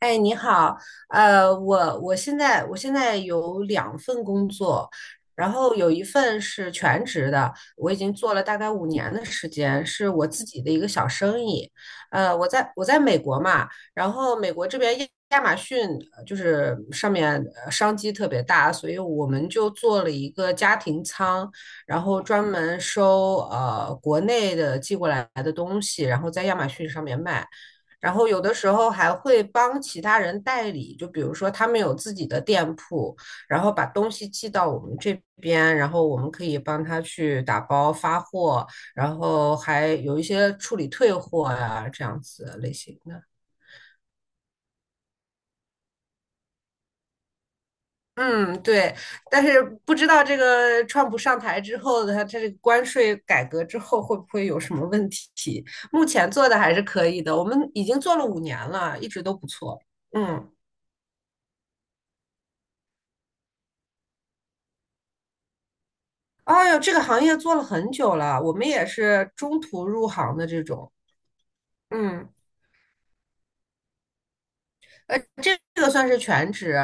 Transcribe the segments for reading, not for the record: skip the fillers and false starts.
哎，你好，我现在有两份工作，然后有一份是全职的，我已经做了大概五年的时间，是我自己的一个小生意。我在美国嘛，然后美国这边亚马逊就是上面商机特别大，所以我们就做了一个家庭仓，然后专门收国内的寄过来的东西，然后在亚马逊上面卖。然后有的时候还会帮其他人代理，就比如说他们有自己的店铺，然后把东西寄到我们这边，然后我们可以帮他去打包发货，然后还有一些处理退货呀，这样子类型的。嗯，对，但是不知道这个川普上台之后的他这个关税改革之后会不会有什么问题？目前做的还是可以的，我们已经做了五年了，一直都不错。嗯。哎呦，这个行业做了很久了，我们也是中途入行的这种。嗯，呃，这个算是全职，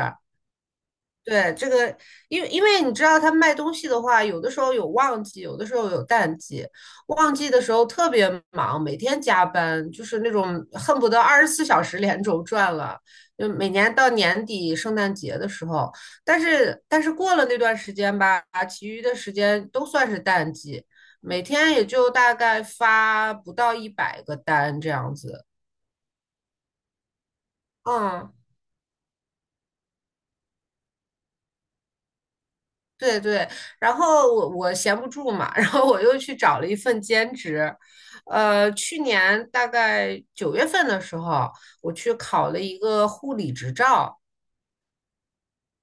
对，这个，因为你知道，他卖东西的话，有的时候有旺季，有的时候有淡季。旺季的时候特别忙，每天加班，就是那种恨不得24小时连轴转了。就每年到年底圣诞节的时候，但是过了那段时间吧，其余的时间都算是淡季，每天也就大概发不到100个单这样子。嗯，对对，然后我闲不住嘛，然后我又去找了一份兼职，去年大概9月份的时候，我去考了一个护理执照，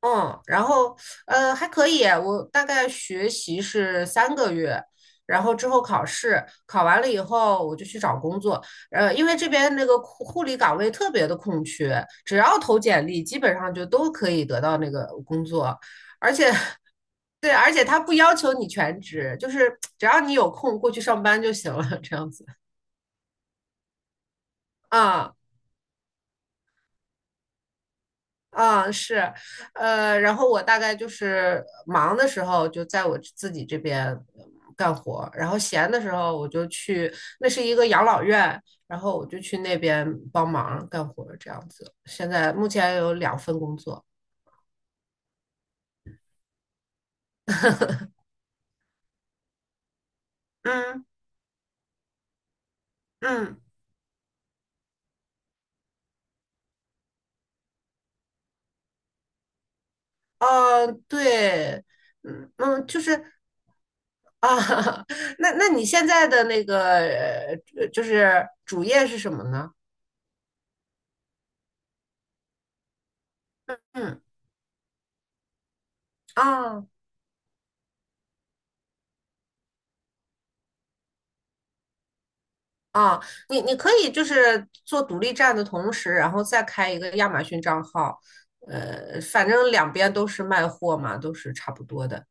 嗯，然后还可以，我大概学习是3个月，然后之后考试，考完了以后我就去找工作。因为这边那个护理岗位特别的空缺，只要投简历，基本上就都可以得到那个工作，而且 对，而且他不要求你全职，就是只要你有空过去上班就行了，这样子。啊、啊，是，然后我大概就是忙的时候就在我自己这边干活，然后闲的时候我就去，那是一个养老院，然后我就去那边帮忙干活，这样子。现在目前有两份工作。嗯嗯，哦，对，嗯嗯，就是啊，那你现在的那个就是主业是什么呢？嗯啊。啊，你可以就是做独立站的同时，然后再开一个亚马逊账号，反正两边都是卖货嘛，都是差不多的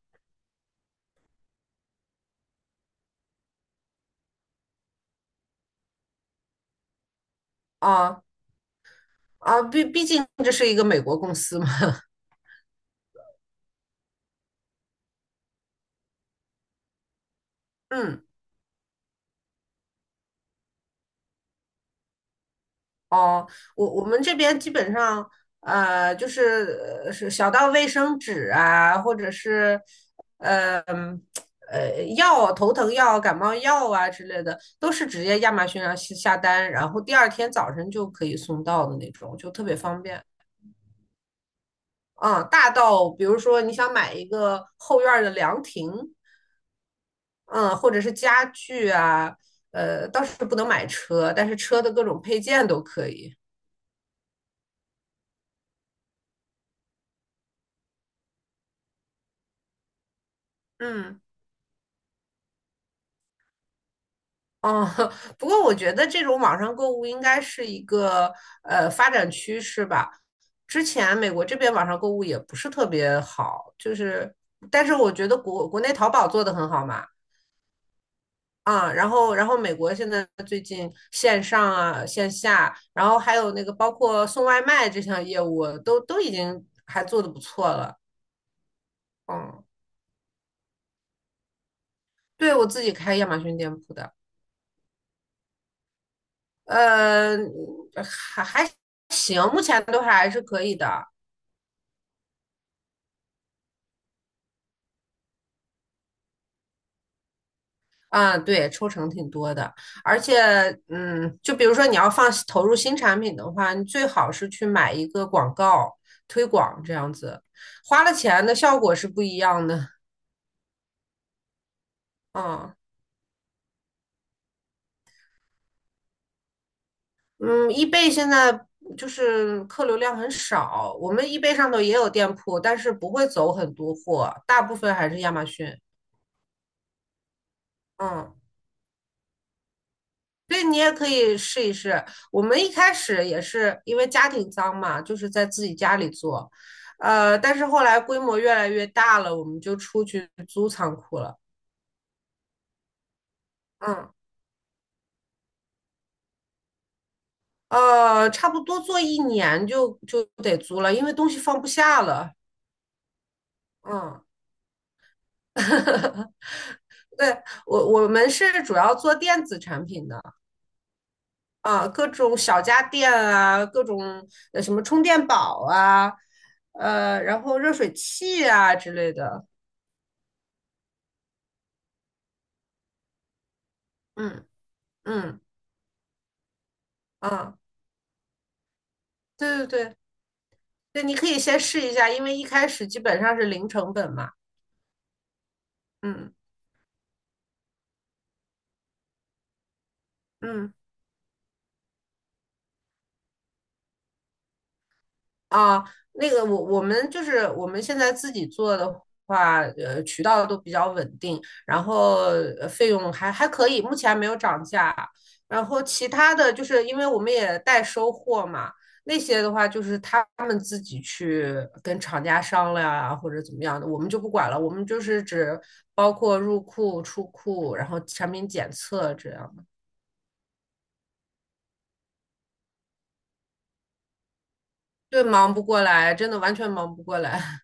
啊啊，毕竟这是一个美国公司嘛，嗯。哦，我们这边基本上，就是是小到卫生纸啊，或者是，呃嗯药、头疼药、感冒药啊之类的，都是直接亚马逊上下单，然后第二天早晨就可以送到的那种，就特别方便。嗯，大到比如说你想买一个后院儿的凉亭，嗯，或者是家具啊，倒是不能买车，但是车的各种配件都可以。嗯。哦，不过我觉得这种网上购物应该是一个发展趋势吧。之前美国这边网上购物也不是特别好，就是，但是我觉得国内淘宝做的很好嘛，啊，然后美国现在最近线上啊线下，然后还有那个包括送外卖这项业务都已经还做的不错了，嗯，对我自己开亚马逊店铺的，呃，还行，目前都还是可以的。啊，对，抽成挺多的，而且，嗯，就比如说你要放投入新产品的话，你最好是去买一个广告推广这样子，花了钱的效果是不一样的。啊，嗯，易贝现在就是客流量很少，我们易贝上头也有店铺，但是不会走很多货，大部分还是亚马逊。嗯。对你也可以试一试。我们一开始也是因为家庭脏嘛，就是在自己家里做，但是后来规模越来越大了，我们就出去租仓库了。嗯，差不多做一年就得租了，因为东西放不下了。嗯，对，我们是主要做电子产品的啊，各种小家电啊，各种什么充电宝啊，然后热水器啊之类的。嗯嗯啊，对对对对，你可以先试一下，因为一开始基本上是零成本嘛。嗯嗯。啊，那个我们就是我们现在自己做的话，渠道都比较稳定，然后费用还可以，目前还没有涨价。然后其他的就是因为我们也代收货嘛，那些的话就是他们自己去跟厂家商量啊，或者怎么样的，我们就不管了，我们就是只包括入库、出库，然后产品检测这样的。对，忙不过来，真的完全忙不过来。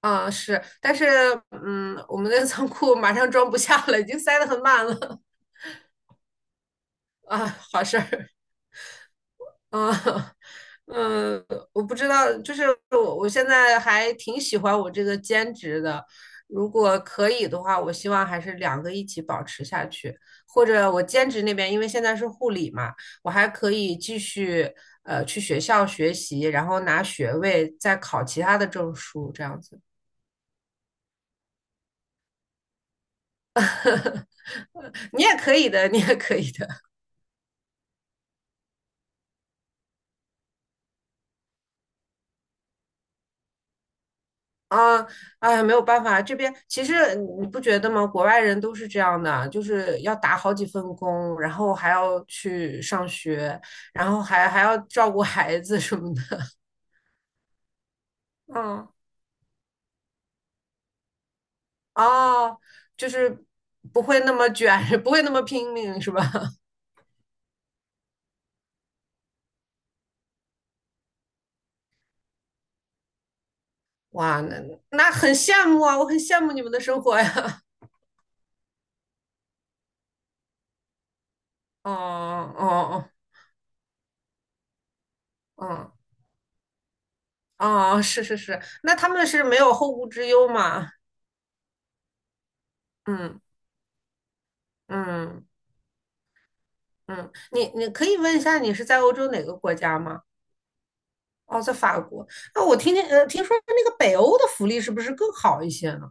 啊，是，但是我们的仓库马上装不下了，已经塞得很满了啊，好事儿啊，嗯，我不知道，就是我现在还挺喜欢我这个兼职的，如果可以的话，我希望还是两个一起保持下去，或者我兼职那边，因为现在是护理嘛，我还可以继续去学校学习，然后拿学位，再考其他的证书，这样子，你也可以的，你也可以的。啊，哎，没有办法，这边其实你不觉得吗？国外人都是这样的，就是要打好几份工，然后还要去上学，然后还要照顾孩子什么的。嗯，哦，就是不会那么卷，不会那么拼命，是吧？哇，那很羡慕啊，我很羡慕你们的生活呀。哦哦哦哦，是是是，那他们是没有后顾之忧嘛？嗯嗯。嗯，你可以问一下，你是在欧洲哪个国家吗？哦，在法国。那我听听，听说那个北欧的福利是不是更好一些呢？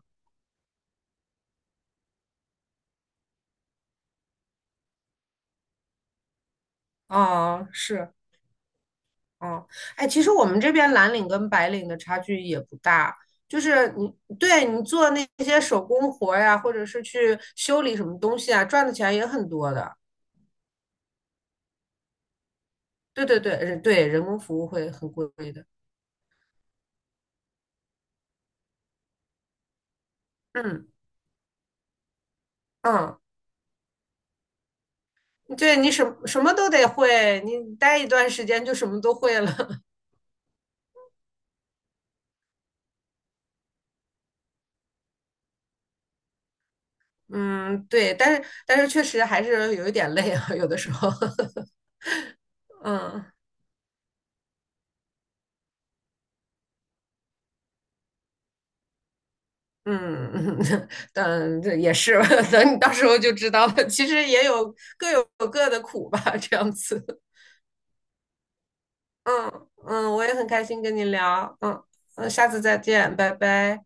哦，是，哦，哎，其实我们这边蓝领跟白领的差距也不大，就是你对你做那些手工活儿呀，或者是去修理什么东西啊，赚的钱也很多的。对对对，人工服务会很贵的。嗯嗯，对你什么什么都得会，你待一段时间就什么都会了。嗯，对，但是确实还是有一点累啊，有的时候，嗯嗯嗯，但这也是，等你到时候就知道了。其实也有各有各的苦吧，这样子。嗯嗯，我也很开心跟你聊，嗯嗯，下次再见，拜拜。